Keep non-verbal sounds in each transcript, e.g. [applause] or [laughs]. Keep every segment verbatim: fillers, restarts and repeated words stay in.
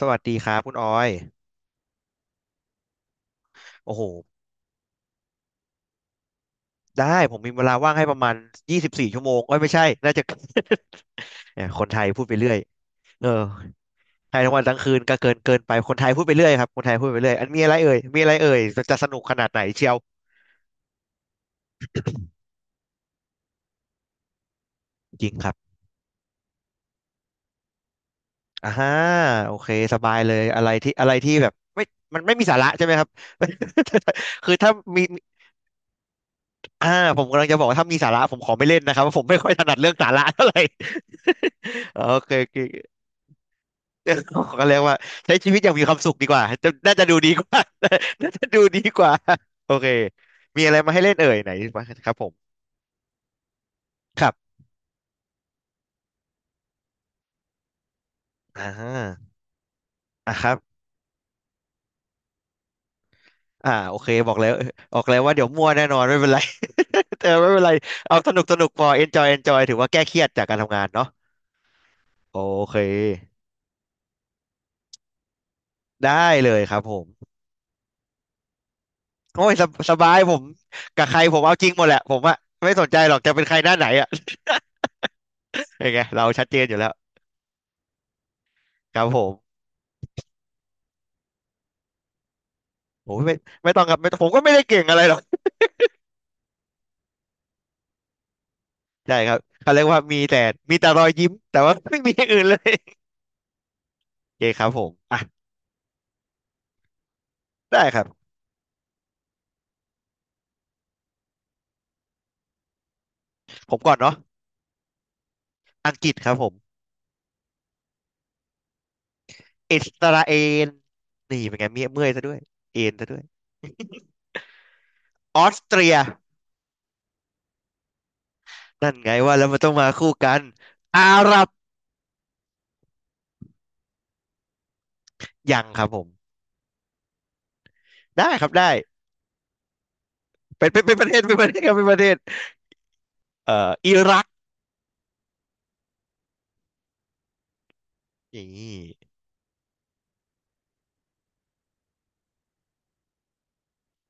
สวัสดีครับคุณออยโอ้โหได้ผมมีเวลาว่างให้ประมาณยี่สิบสี่ชั่วโมงเอ้ยไม่ใช่น่าจะ [laughs] เนี่ยคนไทยพูดไปเรื่อยเออไทยทั้งวันทั้งคืนก็เกินเกินไป คนไทยพูดไปเรื่อยครับคนไทยพูดไปเรื่อยอันมีอะไรเอ่ยมีอะไรเอ่ยจะจะสนุกขนาดไหนเชียวจริงครับอ่าฮะโอเคสบายเลย อะไรที่อะไรที่แบบไม่มันไม่มีสาระใช่ไหมครับ [laughs] คือถ้ามีอ่าผมกำลังจะบอกว่าถ้ามีสาระผมขอไม่เล่นนะครับเพราะผมไม่ค่อยถนัดเรื่องสาระเท่าไหร่ [laughs] โอเค [laughs] เรื่องของเขาเรียกว่าใช้ชีวิตอย่างมีความสุขดีกว่าจะน่าจะดูดีกว่า [laughs] น่าจะดูดีกว่าโอเคมีอะไรมาให้เล่นเอ่ยไหนบ้างครับผมครับอ่าอ่ะครับอ่าโอเคบอกแล้วบอกแล้วว่าเดี๋ยวมั่วแน่นอนไม่เป็นไร [laughs] แต่ไม่เป็นไรเอาสนุกสนุกพอ enjoy enjoy ถือว่าแก้เครียดจากการทำงานเนาะโอเคได้เลยครับผมโอ้ยสบสบายผมกับใครผมเอาจริงหมดแหละผมอะไม่สนใจหรอกจะเป็นใครหน้าไหนอะ [laughs] ยังไงเราชัดเจนอยู่แล้วครับผมผมไม่ไม่ต้องครับไม่ต้องผมก็ไม่ได้เก่งอะไรหรอก ใช่ครับเขาเรียกว่ามีแต่มีแต่รอยยิ้มแต่ว่า [laughs] ไม่มีอย่างอื่นเลยโอเคครับผมอ่ะได้ครับผมก่อนเนาะอังกฤษครับผมอิสราเอลนี่เป็นไงเมียเมื่อยซะด้วยเอ็นซะด้วยออสเตรียนั่นไงว่าแล้วมันต้องมาคู่กันอาหรับยังครับผมได้ครับได้เป็นเป็นเป็นประเทศเป็นประเทศครับเป็นประเทศเอ่ออิรักนี่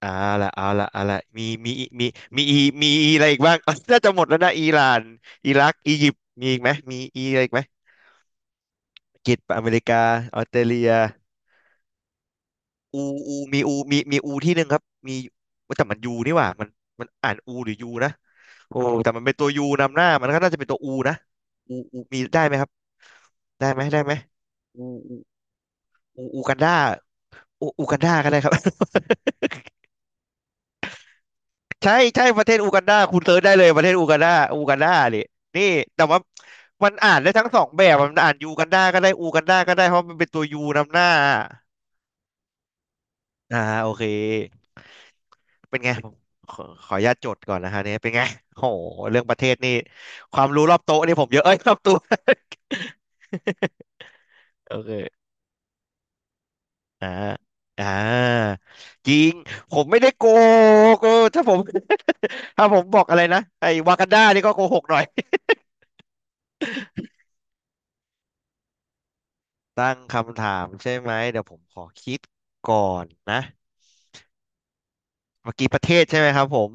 เอาละเอาละเอาละมีมีมีมีมีมีมีอะไรอีกบ้าง [laughs] น่าจะหมดแล้วนะอิหร่านอิรักอียิปต์มีอีกไหมมีอีอะไรอีกไหม อังกฤษอเมริกาออสเตรเลียอูอูมีอูมีมีอูที่หนึ่งครับมีแต่มันยูนี่หว่ามันมันอ่านอูหรือยูนะโอ้แต่มันเป็นตัวยูนำหน้ามันก็น่าจะเป็นตัวอูนะอูอูมีได้ไหมครับได้ไหมได้ไหมอูอูอูอูกันดาอูอูกันดาก็ได้ครับ [laughs] ใช่ใช่ประเทศอูกันดาคุณเซิร์ชได้เลยประเทศอูกันดาอูกันดาดินี่แต่ว่ามันอ่านได้ทั้งสองแบบมันอ่านยูกันดาก็ได้อูกันดาก็ได้เพราะมันเป็นตัวยูนำหน้าอ่าโอเค เป็นไงผมขอขออนุญาตจดก่อนนะฮะเนี่ยเป็นไงโหเรื่องประเทศนี่ความรู้รอบโต๊ะนี่ผมเยอะเอ้ยรอบตัว [laughs] โอเค [laughs] อ่าอ่าจริงผมไม่ได้โกหกเออถ้าผม [laughs] ถ้าผมบอกอะไรนะไอ้วากันดานี่ก็โกหกหน่อย [laughs] ตั้งคำถามใช่ไหมเดี๋ยวผมขอคิดก่อนนะเมื่อกี้ประเทศใช่ไหมครับผม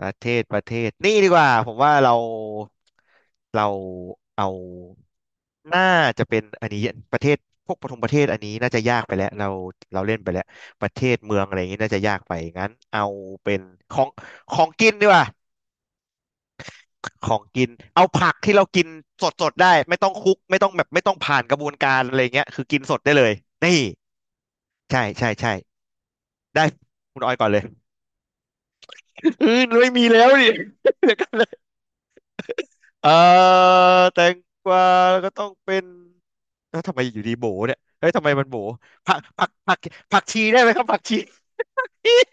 ประเทศประเทศนี่ดีกว่าผมว่าเราเราเอาน่าจะเป็นอันนี้ประเทศพวกปฐมประเทศอันนี้น่าจะยากไปแล้วเราเราเล่นไปแล้วประเทศเมืองอะไรอย่างนี้น่าจะยากไปงั้นเอาเป็นของของกินดีกว่าของกินเอาผักที่เรากินสดสดได้ไม่ต้องคุกไม่ต้องแบบไม่ต้องผ่านกระบวนการอะไรเงี้ยคือกินสดได้เลยนี่ใช่ใช่ใช่ได้คุณออยก่อนเลย [laughs] อือไม่มีแล้วดิ [laughs] เดี๋ยวกัน เออแตงกวาก็ต้องเป็นแล้วทำไมอยู่ดีโบเนี่ยเฮ้ยทำไมมันโบผักผักผักผักชีได้ไหมครับผักชี [laughs]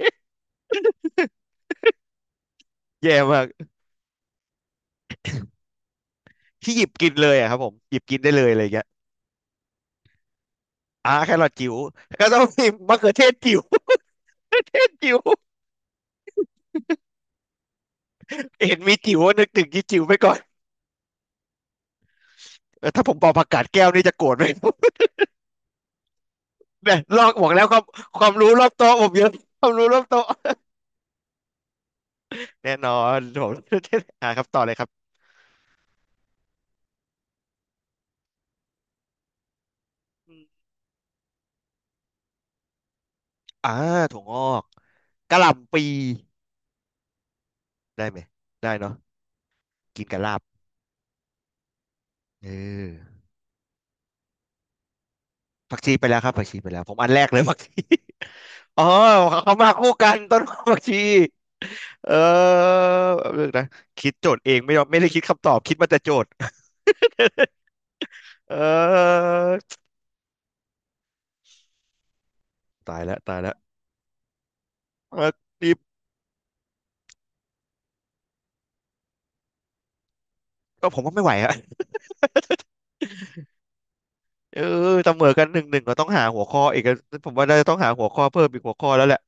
แย่มากที่หยิบกินเลยอะครับผมหยิบกินได้เลยอะไรอย่างเงี้ยอ่าแครอทจิ๋ววก็ต้องมีมะเขือเทศจิ๋ว [laughs] จิ๋วเห็นมีจิ๋วนึกถึงที่จิ๋วไปก่อนเออถ้าผมบอกผักกาดแก้วนี่จะโกรธไหม [laughs] เนี่ยลอกบอกแล้วความความรู้รอบโต๊ะผมเยอะความรู้รอบโต๊ะแน่นอนผม [laughs] อ่าครับต่อเลยครับอมอ่าถั่วงอกกะหล่ำปี ได้ไหมได้เนาะกินกับลาบเออผักชีไปแล้วครับผักชีไปแล้วผมอันแรกเลยผักชี [laughs] อ๋อเขามาคู่กันต้นหอมผักชีเออเรื่องนะคิดโจทย์เองไม่ยอมไม่ได้คิดคำตอบคิดมาแต่โจทย์ [laughs] เออตายแล้วตายแล้วเออดีก็ผมว่าไม่ไหวอะเออเสมอกันหนึ่งหนึ่งเราต้องหาหัวข้ออีกอะผมว่าเราจะต้องหาหัวข้อเพิ่มอีกหัวข้อแล้วแหละ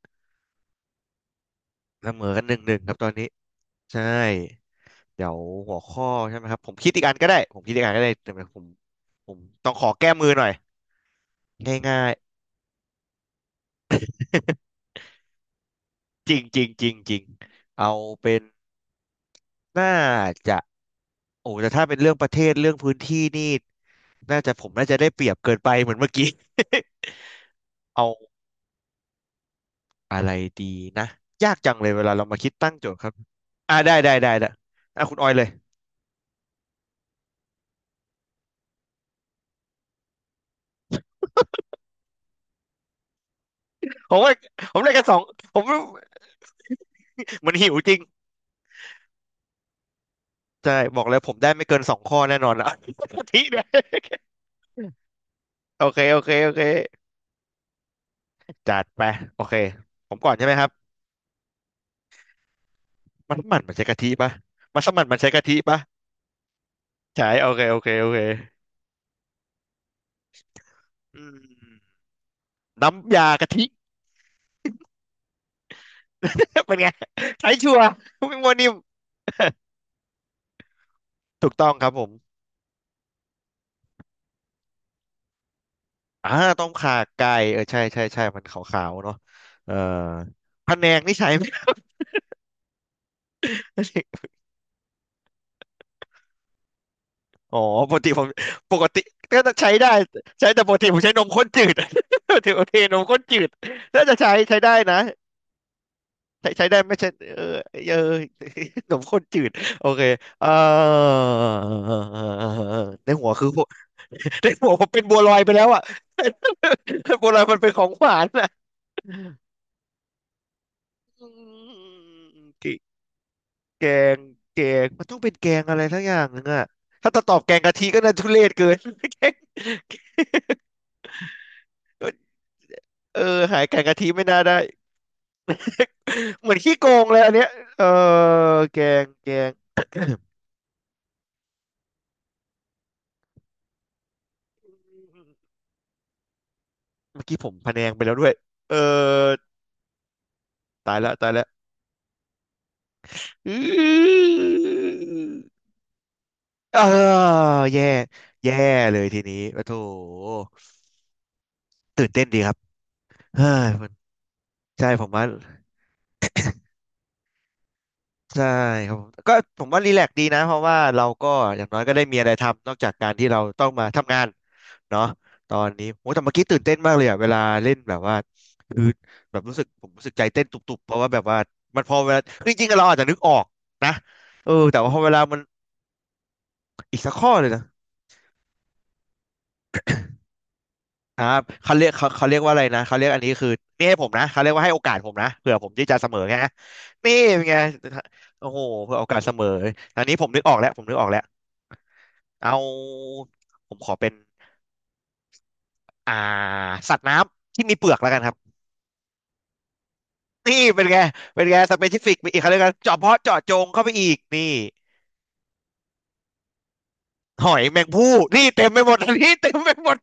เสมอกันหนึ่งหนึ่งครับตอนนี้ใช่ เดี๋ยวหัวข้อใช่ไหมครับผมคิดอีกอันก็ได้ผมคิดอีกอันก็ได้แต่ผมผมต้องขอแก้มือหน่อยง่ายๆ [laughs] จริงจริงจริงจริงเอาเป็นน่าจะโอ้แต่ถ้าเป็นเรื่องประเทศเรื่องพื้นที่นี่น่าจะผมน่าจะได้เปรียบเกินไปเหมือนเมื่อกี้ [laughs] เอาอะไรดีนะยากจังเลยเวลาเรามาคิดตั้งโจทย์ครับอ่าได้ได้ได้ได้อ่ะคุณออยเลยผมว่าผมได้กันสองผมมันหิวจริงใช่บอกเลยผมได้ไม่เกินสองข้อแน่นอนละ [laughs] กะทิเนี่ย โอเคโอเคโอเคจัดไปโอเคผมก่อนใช่ไหมครับมันมันมันใช้กะทิปะมันสมันมันใช้กะทิปะใช่โอเคโอเคโอเคอืมน้ำยากะทิ [laughs] เป็นไงใช้ชัวร์ไม่มัวนิ่มถูกต้องครับผมอ่าต้มข่าไก่เออใช่ใช่ใช่มันขาวๆเนาะเออพะแนงนี่ใช้ไหม [laughs] อ๋อปกติผมปกติก็จะใช้ได้ใช้แต่ปกติผมใช้นมข้นจืด [laughs] ถือโอเคนมข้นจืดน่าจะใช้ใช้ได้นะ ใช้ใช้ได้ไม่ใช่เออเออ [laughs] ขนมข้นจืดโอเคเออ [laughs] ในหัวคือหัว [laughs] ในหัวผมเป็นบัวลอยไปแล้วอ่ะ [laughs] บัวลอยมันเป็นของหวานอ่ะอืมแกงแกงมันต้องเป็นแกงอะไรทั้งอย่างนึงอ่ะถ้าจะตอบแกงกะทิก็น่าทุเรศเกิน [laughs] แกงเออหายแกงกะทิไม่น่าได้เหมือนขี้โกงเลยอันเนี้ยเออแกงแกงเมื่อกี้ผมพะแนงไปแล้วด้วยเออตายละตายละ อืมเออแย่แย่เลยทีนี้โอ้โถตื่นเต้นดีครับเฮ้ยมันใช่ผมว่าใช่ครับผมก็ผมว่ารีแลกซ์ดีนะเพราะว่าเราก็อย่างน้อยก็ได้มีอะไรทำนอกจากการที่เราต้องมาทำงานเนาะตอนนี้โอ้แต่เมื่อกี้ตื่นเต้นมากเลยอ่ะเวลาเล่นแบบว่าคือแบบรู้สึกผมรู้สึกใจเต้นตุบๆเพราะว่าแบบว่ามันพอเวลาจริงๆเราอาจจะนึกออกนะเออแต่ว่าพอเวลามันอีกสักข้อเลยนะ ครับเขาเรียกเขาเขาเรียกว่าอะไรนะเขาเรียกอันนี้คือนี่ให้ผมนะเขาเรียกว่าให้โอกาสผมนะเผื่อผมที่จะเสมอไงฮะนี่เป็นไงโอ้โหเผื่อโอกาสเสมออันนี้ผมนึกออกแล้วผมนึกออกแล้วเอาผมขอเป็นอ่าสัตว์น้ำที่มีเปลือกแล้วกันครับนี่เป็นไงเป็นไงสเปซิฟิกไปอีกเขาเรียกกันเจาะเพาะเจาะจงเข้าไปอีกนี่หอยแมงภู่นี่เต็มไปหมด [laughs] อันนี้เต็มไปหมด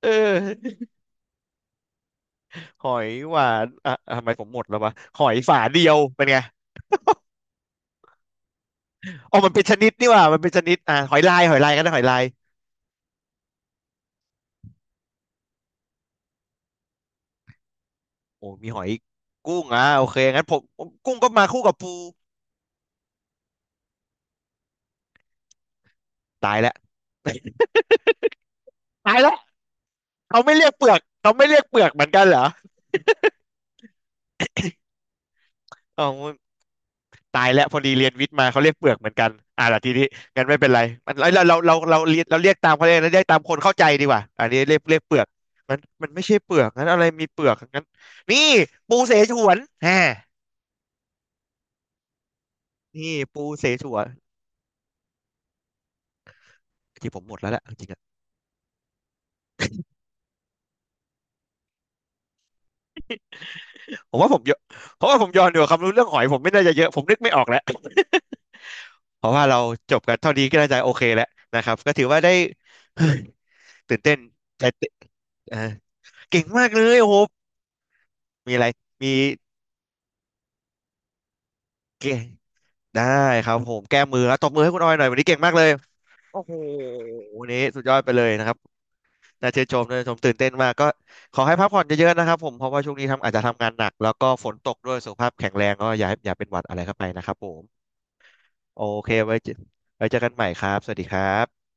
เออหอยหวานอ่ะทำไมผมหมดแล้ววะหอยฝาเดียวเป็นไง อ๋อมันเป็นชนิดนี่หว่ามันเป็นชนิดอ่าหอยลายหอยลายกันนะหอยลายโอ้มีหอยกุ้งอ่ะโอเคงั้นผมผมกุ้งก็มาคู่กับปูตายแล้วตายแล้วเขาไม่เรียกเปลือกเขาไม่เรียกเปลือกเหมือนกันเหรออ๋อตายแล้วพอดีเรียนวิทย์มาเขาเรียกเปลือกเหมือนกันอ่าล่ะทีนี้งั้นไม่เป็นไรมันเราเราเราเราเรียกเราเรียกตามเขาเรยนะเรียกตามคนเข้าใจดีกว่าอันนี้เรียกเรียกเปลือกมันมันไม่ใช่เปลือกงั้นอะไรมีเปลือกงั้นนี่ปูเสฉวนแหมนี่ปูเสฉวนที่ผมหมดแล้วแหละจริงๆ ผมว่าผมเยอะเพราะว่าผมย้อนดูความรู้เรื่องหอยผมไม่น่าจะเยอะผมนึกไม่ออกแล้วเพราะว่าเราจบกันเท่านี้ก็น่าจะโอเคแล้วนะครับก็ถือว่าได้ [sighs] ตื่นเต้นแต่เอ่อเก่งมากเลยโอ้โหมีอะไรมีเก่งได้ครับผมแก้มือแล้วตบมือให้คุณออยหน่อยวันนี้เก่งมากเลยโอ้โหวันนี้สุดยอดไปเลยนะครับน่าชื่นชมน่าชื่นชมตื่นเต้นมากก็ขอให้พักผ่อนเยอะๆนะครับผมเพราะว่าช่วงนี้ทำอาจจะทำงานหนักแล้วก็ฝนตกด้วยสุขภาพแข็งแรงก็อย่าให้อย่าเป็นหวัดอะไรเข้าไปนะครับผม โอเคไว้เจอไว้เจอกันใหม่ครับ สวัสดีครับ